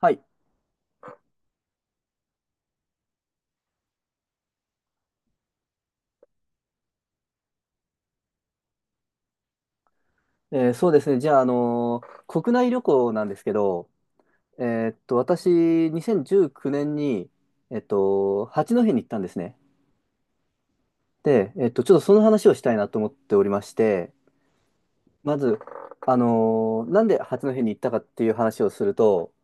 はい。そうですね。じゃあ、国内旅行なんですけど、え私、2019年に、八戸に行ったんですね。で、ちょっとその話をしたいなと思っておりまして、まず、なんで八戸に行ったかっていう話をすると、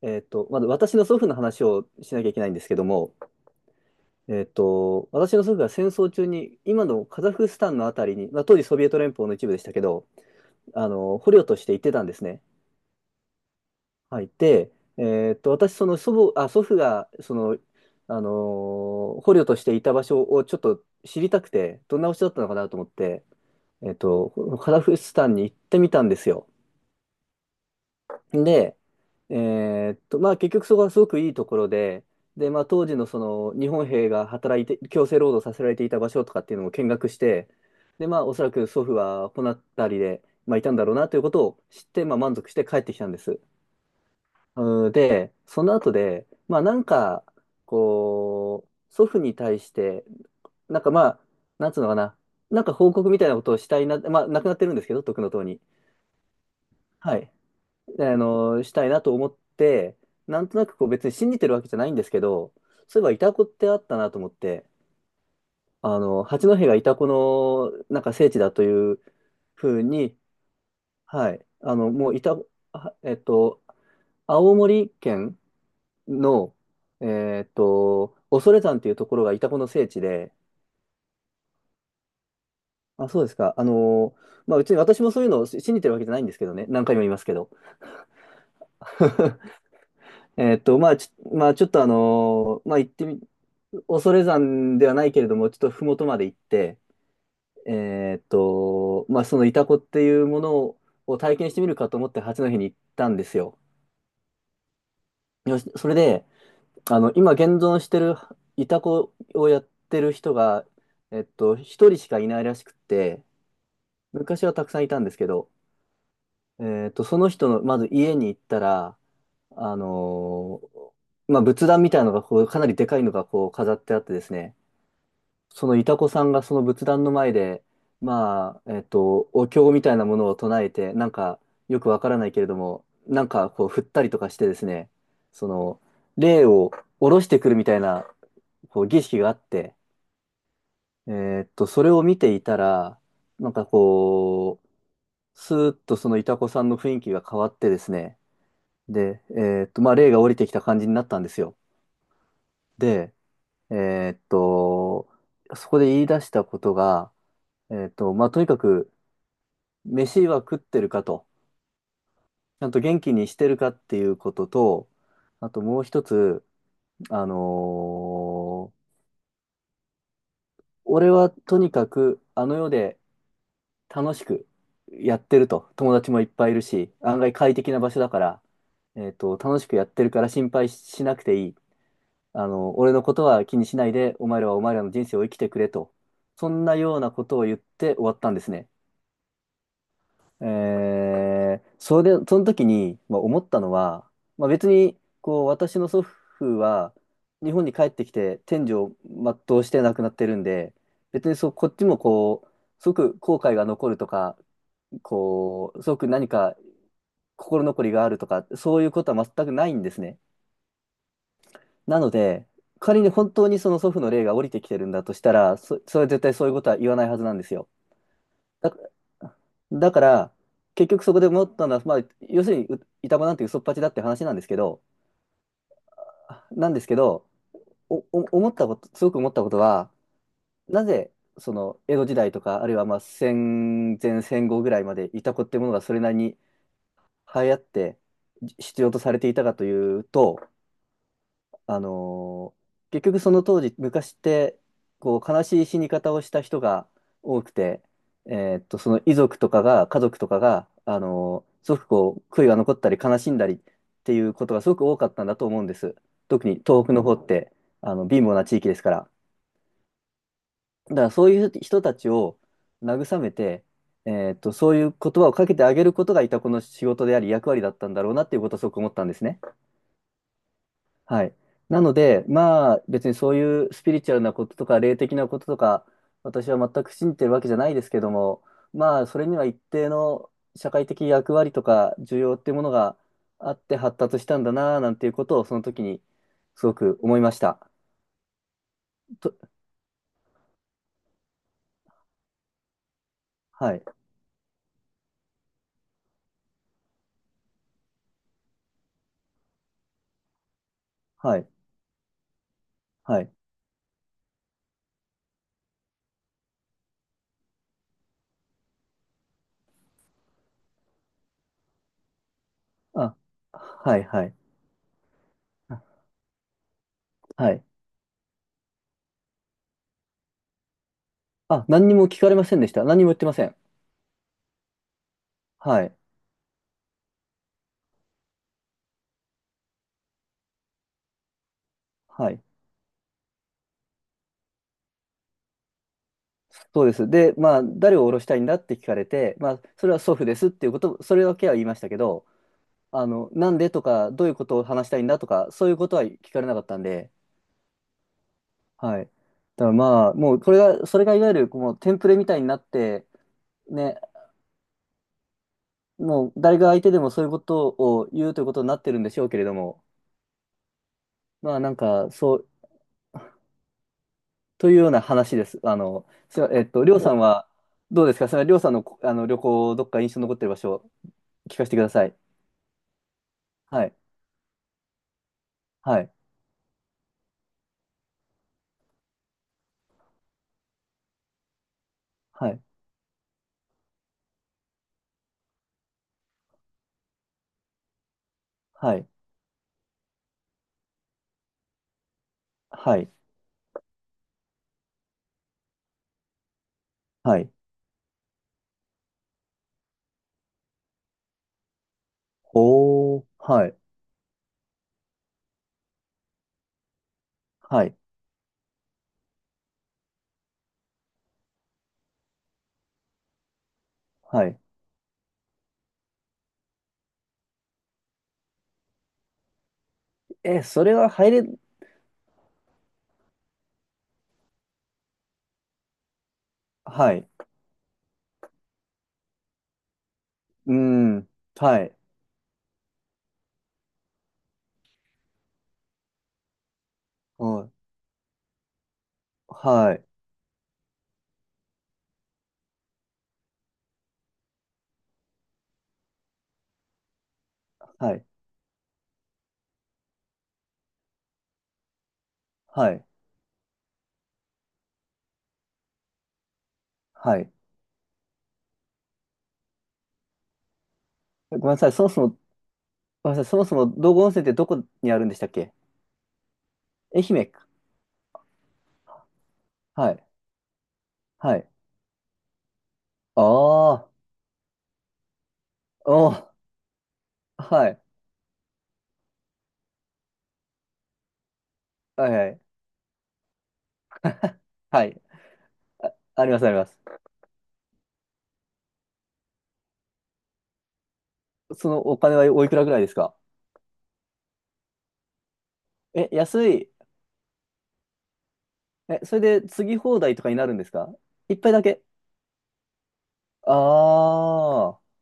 まず私の祖父の話をしなきゃいけないんですけども、私の祖父が戦争中に、今のカザフスタンのあたりに、まあ、当時ソビエト連邦の一部でしたけど、捕虜として行ってたんですね。はい、てえーっと、私、その祖母、あ、祖父が、あの捕虜としていた場所をちょっと知りたくて、どんな場所だったのかなと思って、えーっと、カザフスタンに行ってみたんですよ。で、えまあ、結局そこはすごくいいところで、で、まあ、当時のその、日本兵が働いて、強制労働させられていた場所とかっていうのも見学して、で、まあ、おそらく祖父はこの辺りで、まあ、いたんだろうなということを知って、まあ、満足して帰ってきたんです。うんで、その後で、まあなんか、こう、祖父に対して、なんかまあ、なんつうのかな、なんか報告みたいなことをしたいな、まあ亡くなってるんですけど、徳の塔に。はい。したいなと思って、なんとなくこう別に信じてるわけじゃないんですけど、そういえばイタコってあったなと思って、八戸がイタコのなんか聖地だというふうに、はい。あの、もうイタ、あえっと、青森県の、恐山っていうところがイタコの聖地で、あ、そうですか。まあ、うちに私もそういうのを信じてるわけじゃないんですけどね。何回も言いますけど。まあ、まあ、ちょっとまあ、行ってみ、恐山ではないけれども、ちょっと麓まで行って、まあ、そのイタコっていうものを体験してみるかと思って八戸に行ったんですよ。よし、それで、今現存してるイタコをやってる人が、一人しかいないらしくって、昔はたくさんいたんですけど、その人の、まず家に行ったら、あのまあ、仏壇みたいなのがこう、かなりでかいのがこう飾ってあってですね、そのイタコさんがその仏壇の前で、まあ、お経みたいなものを唱えて、なんか、よくわからないけれども、なんかこう振ったりとかしてですね、その、霊を下ろしてくるみたいな、こう儀式があって、それを見ていたら、なんかこう、スーッとそのイタコさんの雰囲気が変わってですね、で、まあ、霊が降りてきた感じになったんですよ。で、えーっと、そこで言い出したことが、まあ、とにかく、飯は食ってるかと、ちゃんと元気にしてるかっていうことと、あともう一つ、あのー俺はとにかくあの世で楽しくやってると。友達もいっぱいいるし、案外快適な場所だから、楽しくやってるから心配しなくていい。俺のことは気にしないで、お前らはお前らの人生を生きてくれと。そんなようなことを言って終わったんですね。えそれで、その時に、まあ、思ったのは、まあ、別に、こう、私の祖父は、日本に帰ってきて、天寿を全うして亡くなってるんで、別にそう、こっちもこう、すごく後悔が残るとか、こう、すごく何か心残りがあるとか、そういうことは全くないんですね。なので、仮に本当にその祖父の霊が降りてきてるんだとしたら、それは絶対そういうことは言わないはずなんですよ。だ、だから、結局そこで思ったのは、まあ、要するに、う板場なんて嘘っぱちだって話なんですけど、なんですけど、お、お、思ったこと、すごく思ったことは、なぜ、その江戸時代とか、あるいはまあ戦前戦後ぐらいまでいた子ってものがそれなりに流行って必要とされていたかというと、あのー結局その当時、昔って、こう、悲しい死に方をした人が多くて、その遺族とかが、家族とかが、すごくこう、悔いが残ったり悲しんだりっていうことがすごく多かったんだと思うんです。特に東北の方って、貧乏な地域ですから。だからそういう人たちを慰めて、そういう言葉をかけてあげることがいたこの仕事であり役割だったんだろうなっていうことをすごく思ったんですね。はい。なので、まあ、別にそういうスピリチュアルなこととか、霊的なこととか、私は全く信じてるわけじゃないですけども、まあ、それには一定の社会的役割とか、需要っていうものがあって発達したんだな、なんていうことを、その時にすごく思いました。と、はい、はい、はい。あ、はい、はい。あはい。あ、何にも聞かれませんでした。何にも言ってません。はい、はい。そうです。で、まあ、誰を降ろしたいんだって聞かれて、まあ、それは祖父ですっていうこと、それだけは言いましたけど、なんでとか、どういうことを話したいんだとか、そういうことは聞かれなかったんで、はい。だからまあ、もう、これが、それがいわゆる、こう、テンプレみたいになって、ね、もう、誰が相手でもそういうことを言うということになってるんでしょうけれども、まあ、なんか、そう、というような話です。あの、すいまえっと、りょうさんは、どうですか？それはりょうさんの、旅行、どっか印象に残ってる場所、聞かせてください。はい。はい。はい、はい、はい、はい。おー、はい、はい、はい。え、それは入れ、はい、うーん、はい、おい、はい、はい、はい、はい。ごめんなさい、そもそも、ごめんなさい、そもそも道後温泉ってどこにあるんでしたっけ？愛媛か。はい、はい。ああ、おー、はい、はい、はい、はい。あ、あります、あります。そのお金はおいくらぐらいですか？え、安い。え、それで次放題とかになるんですか？一杯だけ。ああ。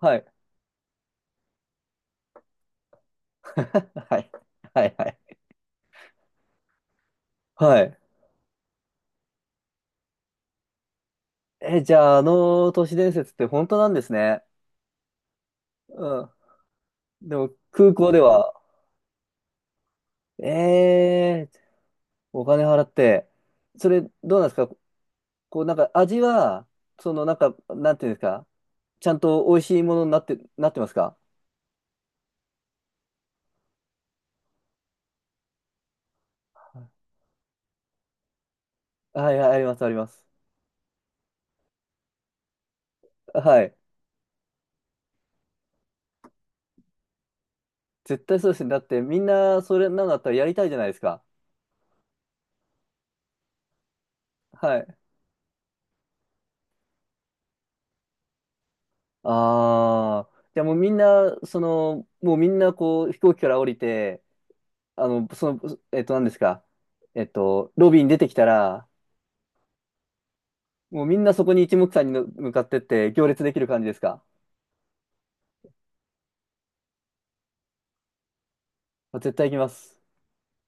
はい。はい。はい。はい。はい。え、じゃあ、あの都市伝説って本当なんですね。うん。でも、空港では、えー、お金払って、それ、どうなんですか？こう、なんか、味は、その、なんか、なんていうんですか？ちゃんと美味しいものになって、なってますか？はい、はい、あります、あります。はい。絶対そうですね。だって、みんな、それなんだったらやりたいじゃないですか。はい。ああ、じゃあもうみんなこう飛行機から降りて、あの、その、何ですか？ロビーに出てきたら、もうみんなそこに一目散にの向かってって行列できる感じですか？絶対行きます。